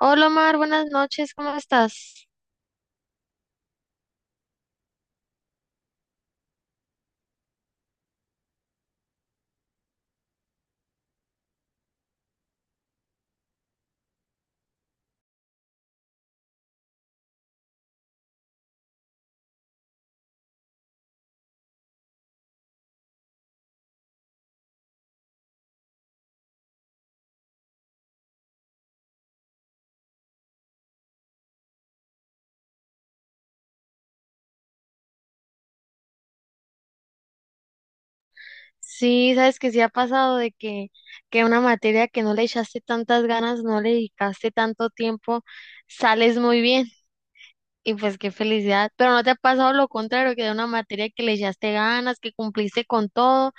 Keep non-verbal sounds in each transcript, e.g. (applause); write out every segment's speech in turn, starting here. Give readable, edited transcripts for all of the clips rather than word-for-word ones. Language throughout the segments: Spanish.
Hola Omar, buenas noches, ¿cómo estás? Sí, sabes que sí ha pasado que una materia que no le echaste tantas ganas, no le dedicaste tanto tiempo, sales muy bien y pues qué felicidad, pero no te ha pasado lo contrario, que de una materia que le echaste ganas, que cumpliste con todo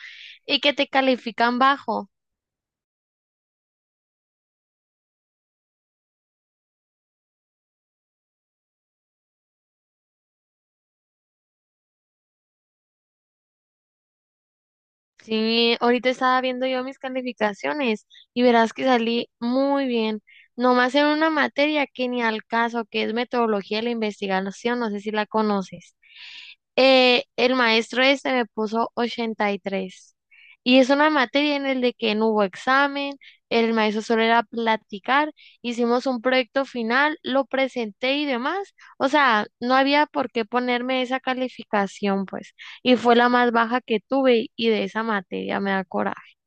y que te califican bajo. Sí, ahorita estaba viendo yo mis calificaciones y verás que salí muy bien. Nomás en una materia que ni al caso, que es metodología de la investigación, no sé si la conoces. El maestro este me puso 83. Y tres. Y es una materia en el de que no hubo examen, el maestro solo era platicar, hicimos un proyecto final, lo presenté y demás. O sea, no había por qué ponerme esa calificación, pues. Y fue la más baja que tuve y de esa materia me da coraje.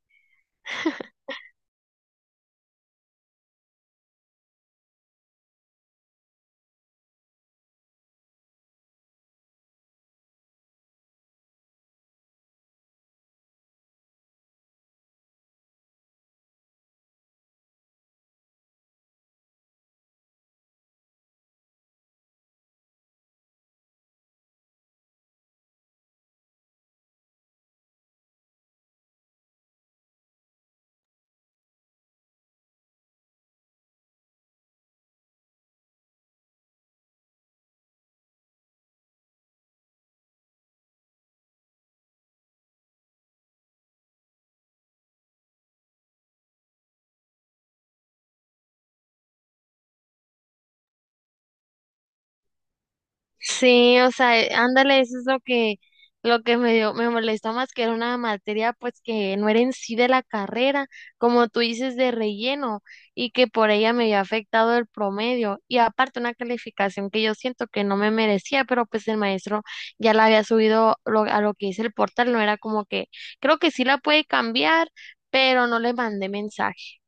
Sí, o sea, ándale, eso es lo que me dio, me molestó más que era una materia pues que no era en sí de la carrera, como tú dices, de relleno, y que por ella me había afectado el promedio, y aparte una calificación que yo siento que no me merecía, pero pues el maestro ya la había subido a lo que es el portal, no era como que, creo que sí la puede cambiar, pero no le mandé mensaje,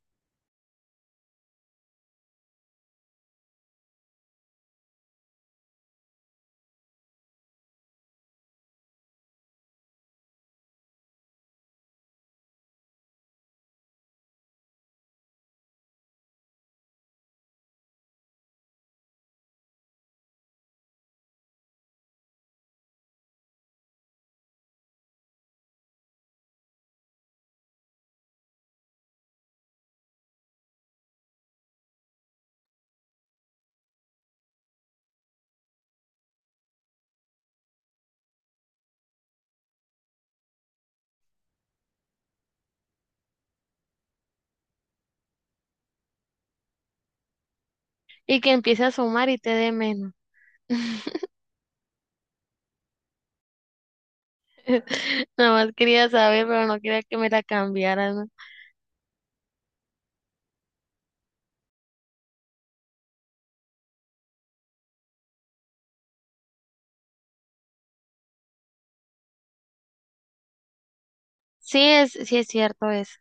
y que empiece a sumar y te dé menos. (laughs) Nada más quería saber, pero no quería que me la cambiaran. Sí es cierto eso,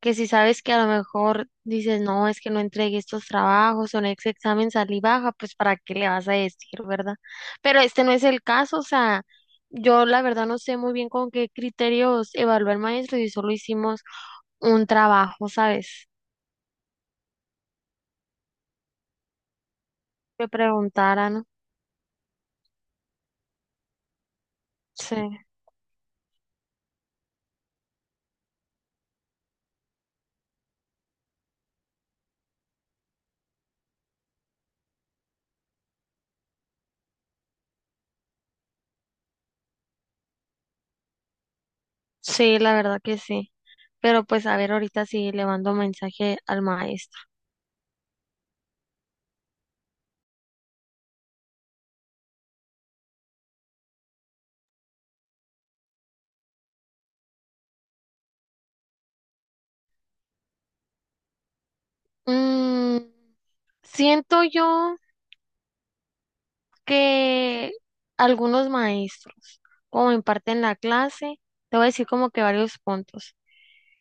que si sabes que a lo mejor dices, no, es que no entregué estos trabajos o en ese examen salí baja, pues para qué le vas a decir, ¿verdad? Pero este no es el caso, o sea, yo la verdad no sé muy bien con qué criterios evaluó el maestro y solo hicimos un trabajo, ¿sabes? Que preguntara, ¿no? Sí, sí, la verdad que sí. Pero pues a ver ahorita si le mando mensaje al maestro. Mm, siento yo que algunos maestros, como imparten la clase, te voy a decir como que varios puntos.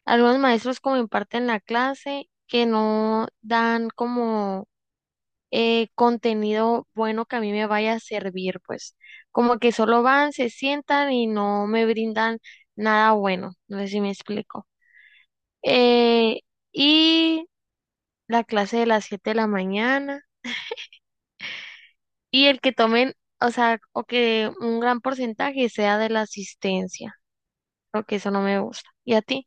Algunos maestros como imparten la clase que no dan como contenido bueno que a mí me vaya a servir, pues como que solo van, se sientan y no me brindan nada bueno. No sé si me explico. Eh, y la clase de las 7 de la mañana, y el que tomen, o sea, o que un gran porcentaje sea de la asistencia, porque eso no me gusta. ¿Y a ti?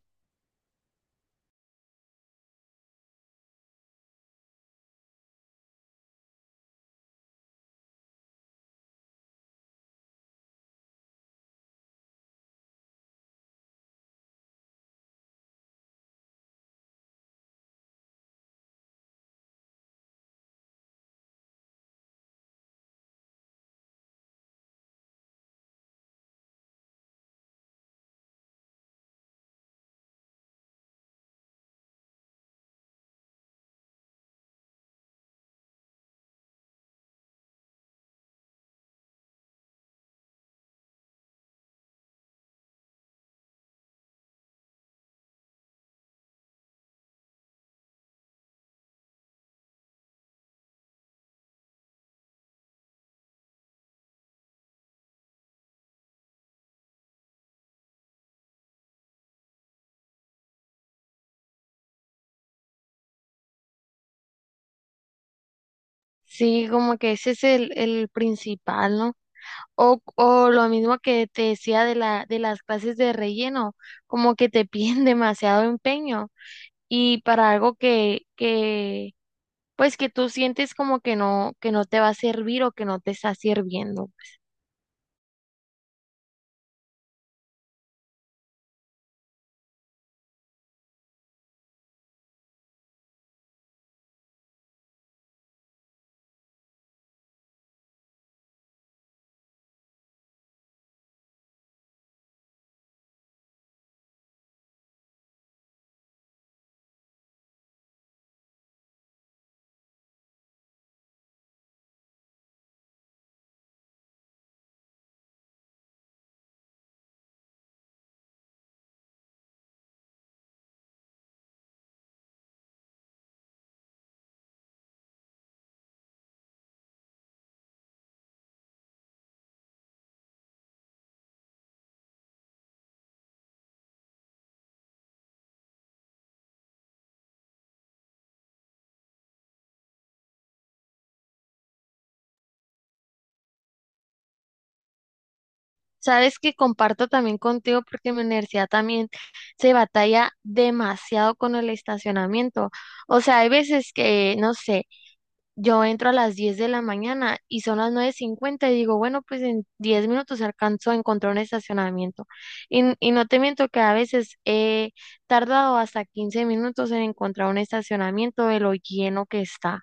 Sí, como que ese es el principal, ¿no? O lo mismo que te decía de de las clases de relleno, como que te piden (laughs) demasiado empeño y para algo que, pues que tú sientes como que no te va a servir o que no te está sirviendo. Sabes que comparto también contigo porque en mi universidad también se batalla demasiado con el estacionamiento. O sea, hay veces que, no sé, yo entro a las 10 de la mañana y son las 9:50 y digo, bueno, pues en 10 minutos alcanzo a encontrar un estacionamiento. Y, y no te miento que a veces he tardado hasta 15 minutos en encontrar un estacionamiento de lo lleno que está.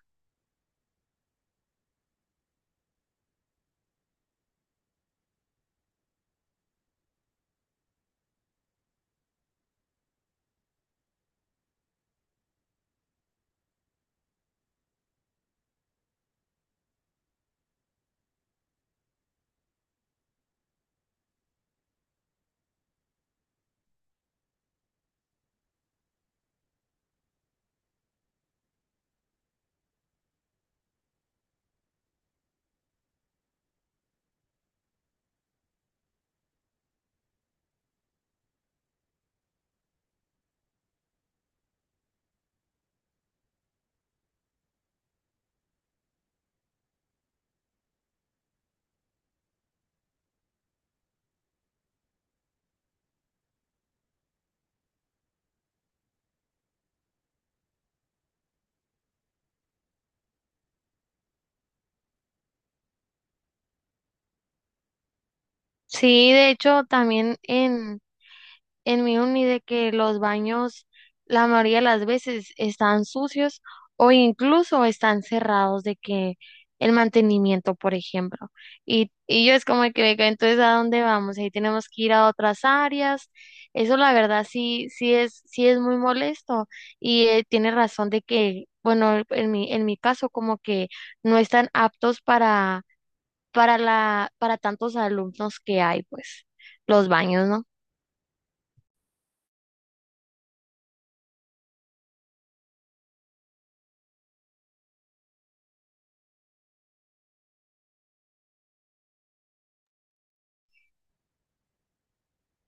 Sí, de hecho, también en mi uni de que los baños la mayoría de las veces están sucios o incluso están cerrados de que el mantenimiento, por ejemplo. Y yo es como que, "Venga, entonces, ¿a dónde vamos?" Ahí tenemos que ir a otras áreas. Eso la verdad sí, sí es muy molesto y tiene razón de que, bueno, en en mi caso como que no están aptos para para tantos alumnos que hay, pues, los baños, ¿no?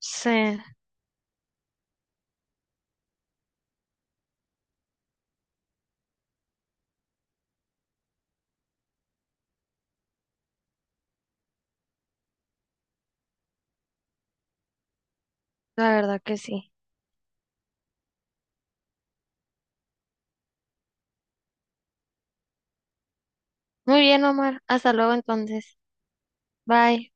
Sí, la verdad que sí. Muy bien, Omar. Hasta luego entonces. Bye.